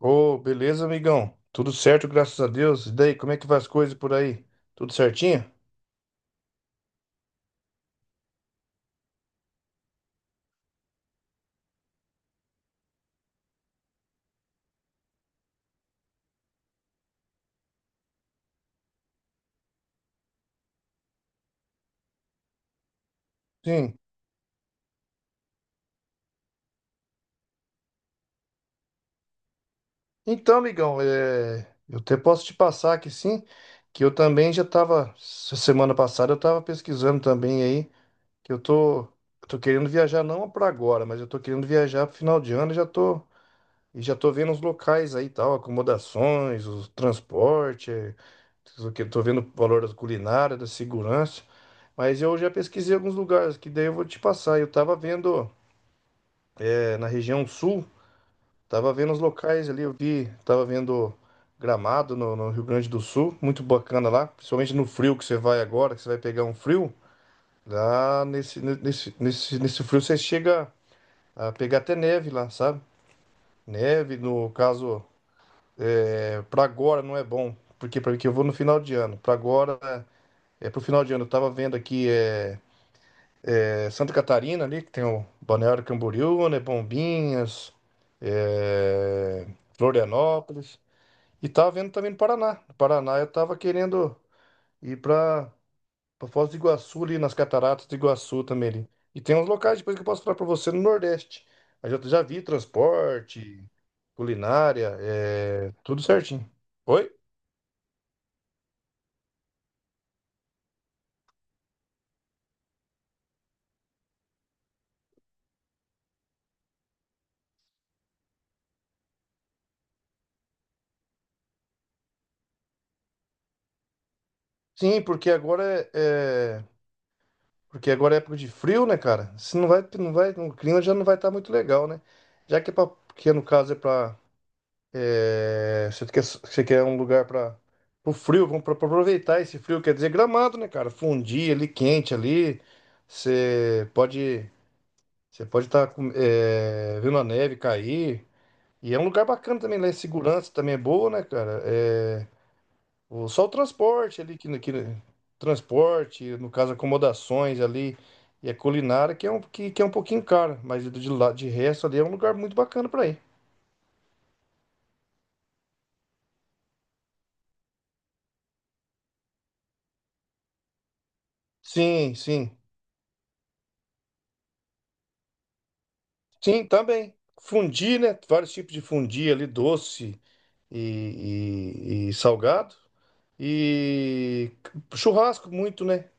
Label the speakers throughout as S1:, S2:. S1: Ô, beleza, amigão? Tudo certo, graças a Deus. E daí, como é que vai as coisas por aí? Tudo certinho? Sim. Então, amigão, eu até posso te passar aqui sim, que eu também já tava, semana passada eu tava pesquisando também aí, que eu tô querendo viajar não para agora, mas eu tô querendo viajar pro final de ano, e já tô vendo os locais aí, e tal, acomodações, o transporte, tô vendo o valor da culinária, da segurança. Mas eu já pesquisei alguns lugares que daí eu vou te passar. Eu tava vendo na região sul, tava vendo os locais ali, eu vi, tava vendo Gramado no Rio Grande do Sul, muito bacana lá, principalmente no frio que você vai agora, que você vai pegar um frio, lá nesse frio você chega a pegar até neve lá, sabe? Neve, no caso, para agora não é bom, porque para que eu vou no final de ano. Para agora é pro final de ano. Eu tava vendo aqui É Santa Catarina ali, que tem o Balneário Camboriú, né? Bombinhas, é, Florianópolis. E tava vendo também no Paraná. No Paraná eu tava querendo ir pra Foz do Iguaçu ali, nas cataratas do Iguaçu também ali. E tem uns locais depois que eu posso falar pra você no Nordeste. Mas eu já vi transporte, culinária, tudo certinho. Oi? Sim, porque porque agora é época de frio, né, cara? Se não vai, não vai, o clima já não vai estar muito legal, né? Já que no caso é pra. Você quer um lugar para o frio, vamos pra aproveitar esse frio, quer dizer Gramado, né, cara? Fundir ali quente ali, você pode, você pode estar vendo a neve cair. E é um lugar bacana também, lá em segurança também é boa, né, cara? Só o transporte ali, que transporte, no caso, acomodações ali, e a culinária, que é um pouquinho caro, mas de, lá de resto ali é um lugar muito bacana para ir. Sim, sim. Sim, também. Fundi, né? Vários tipos de fundi ali, doce e salgado. E churrasco muito, né?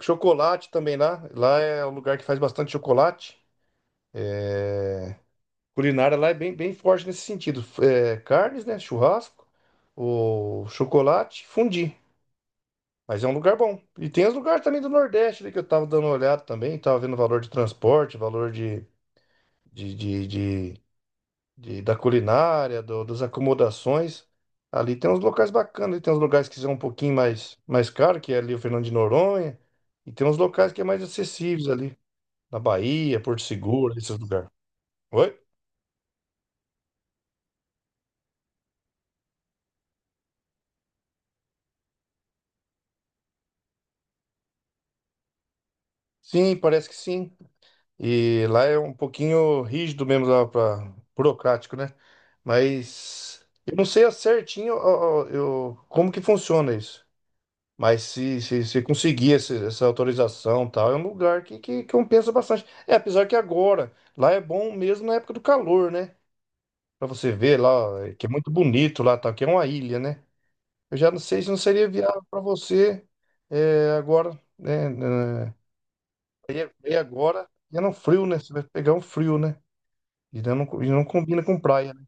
S1: Chocolate também lá. Lá é um lugar que faz bastante chocolate. Culinária lá é bem, bem forte nesse sentido. É, carnes, né? Churrasco, o chocolate, fundi. Mas é um lugar bom. E tem os lugares também do Nordeste, né, que eu tava dando uma olhada também, tava vendo o valor de transporte, valor de, de, de- da culinária, das acomodações. Ali tem uns locais bacanas, ali tem uns lugares que são mais caro, que é ali o Fernando de Noronha, e tem uns locais que é mais acessíveis ali, na Bahia, Porto Seguro, esses lugares. Oi? Sim, parece que sim. E lá é um pouquinho rígido mesmo, burocrático, né? Mas eu não sei certinho eu, como que funciona isso. Mas se conseguir essa autorização e tal, é um lugar que compensa bastante. É, apesar que agora, lá é bom mesmo na época do calor, né? Pra você ver lá, ó, é que é muito bonito lá, tal. Que é uma ilha, né? Eu já não sei se não seria viável pra você agora, né? E e é no frio, né? Você vai pegar um frio, né? E não combina com praia, né?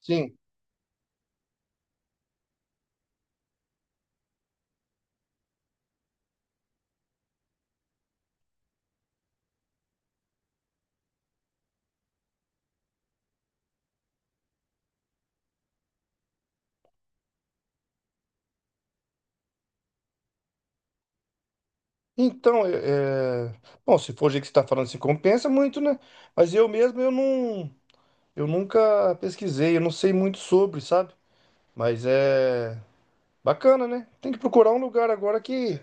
S1: Sim. Bom, se for o jeito que você está falando, se compensa muito, né? Mas eu mesmo, eu não... Eu nunca pesquisei, eu não sei muito sobre, sabe? Mas é... Bacana, né? Tem que procurar um lugar agora que...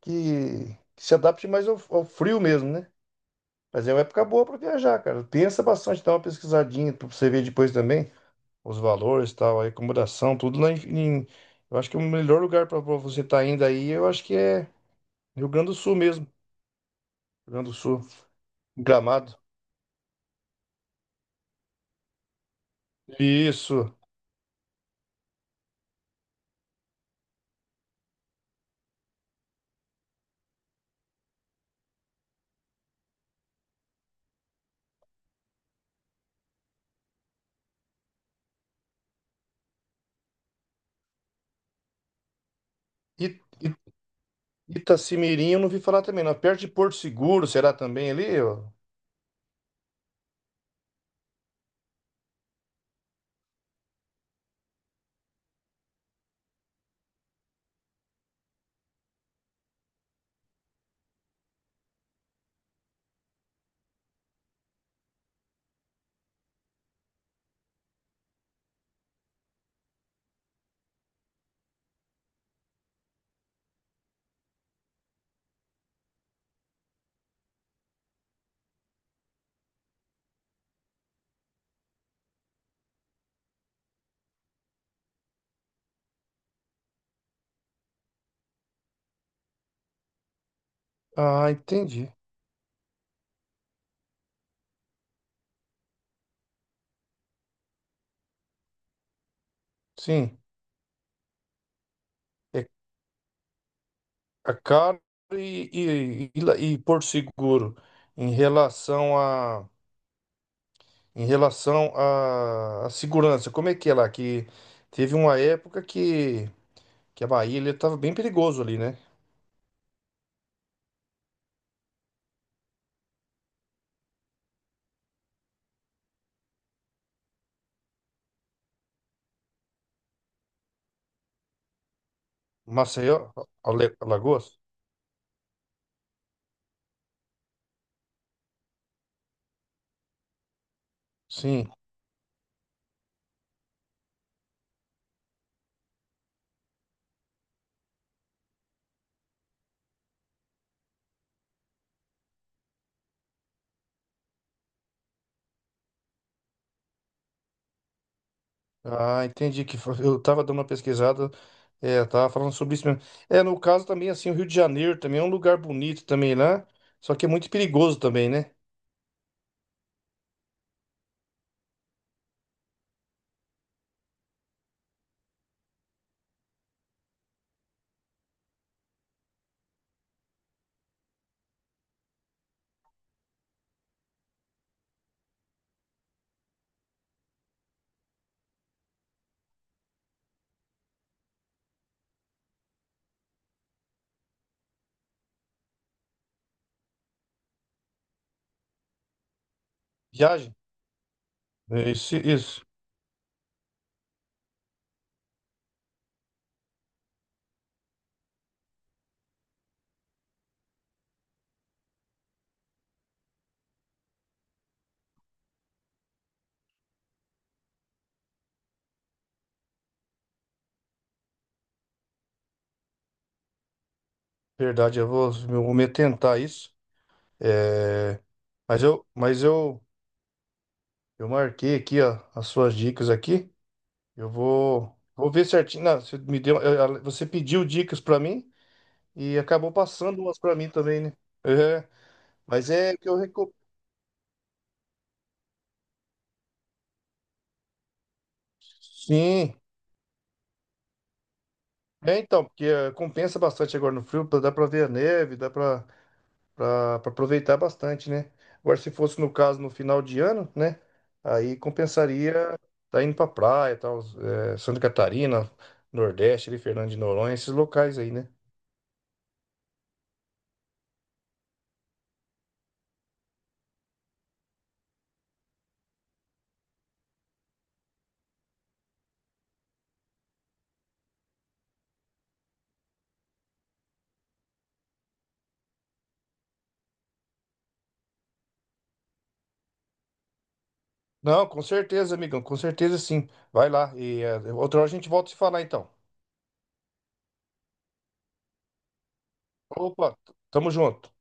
S1: Que se adapte mais ao frio mesmo, né? Mas é uma época boa para viajar, cara. Pensa bastante, dá uma pesquisadinha para você ver depois também os valores, tal, a acomodação, tudo lá em... em- Eu acho que o melhor lugar para você estar tá indo aí, eu acho que é Rio Grande do Sul mesmo. Rio Grande do Sul. Gramado. Isso. I, I, Itacimirim eu não vi falar também, não. Perto de Porto Seguro, será também ali? Ó? Ah, entendi. Sim. É a Caro e, e Porto Seguro. Em relação a, em relação a segurança, como é que é lá? Que teve uma época que a Bahia estava bem perigoso ali, né? Maceió, Alagoas? Sim. Ah, entendi eu tava dando uma pesquisada, é, tava falando sobre isso mesmo. É, no caso também, assim, o Rio de Janeiro também é um lugar bonito também, né? Só que é muito perigoso também, né? Viagem. É, isso. Verdade, eu vou me tentar isso. É, mas eu, mas eu, eu marquei aqui, ó, as suas dicas aqui. Vou ver certinho. Não, você me deu, você pediu dicas pra mim e acabou passando umas pra mim também, né? É, mas é que eu recomendo. Sim. É, então, porque compensa bastante agora no frio, pra- dá pra ver a neve, dá pra pra aproveitar bastante, né? Agora, se fosse no caso no final de ano, né? Aí compensaria tá indo pra praia, tal, Santa Catarina, Nordeste, ali, Fernando de Noronha, esses locais aí, né? Não, com certeza, amigão, com certeza sim. Vai lá e outra hora a gente volta a se falar então. Opa, tamo junto.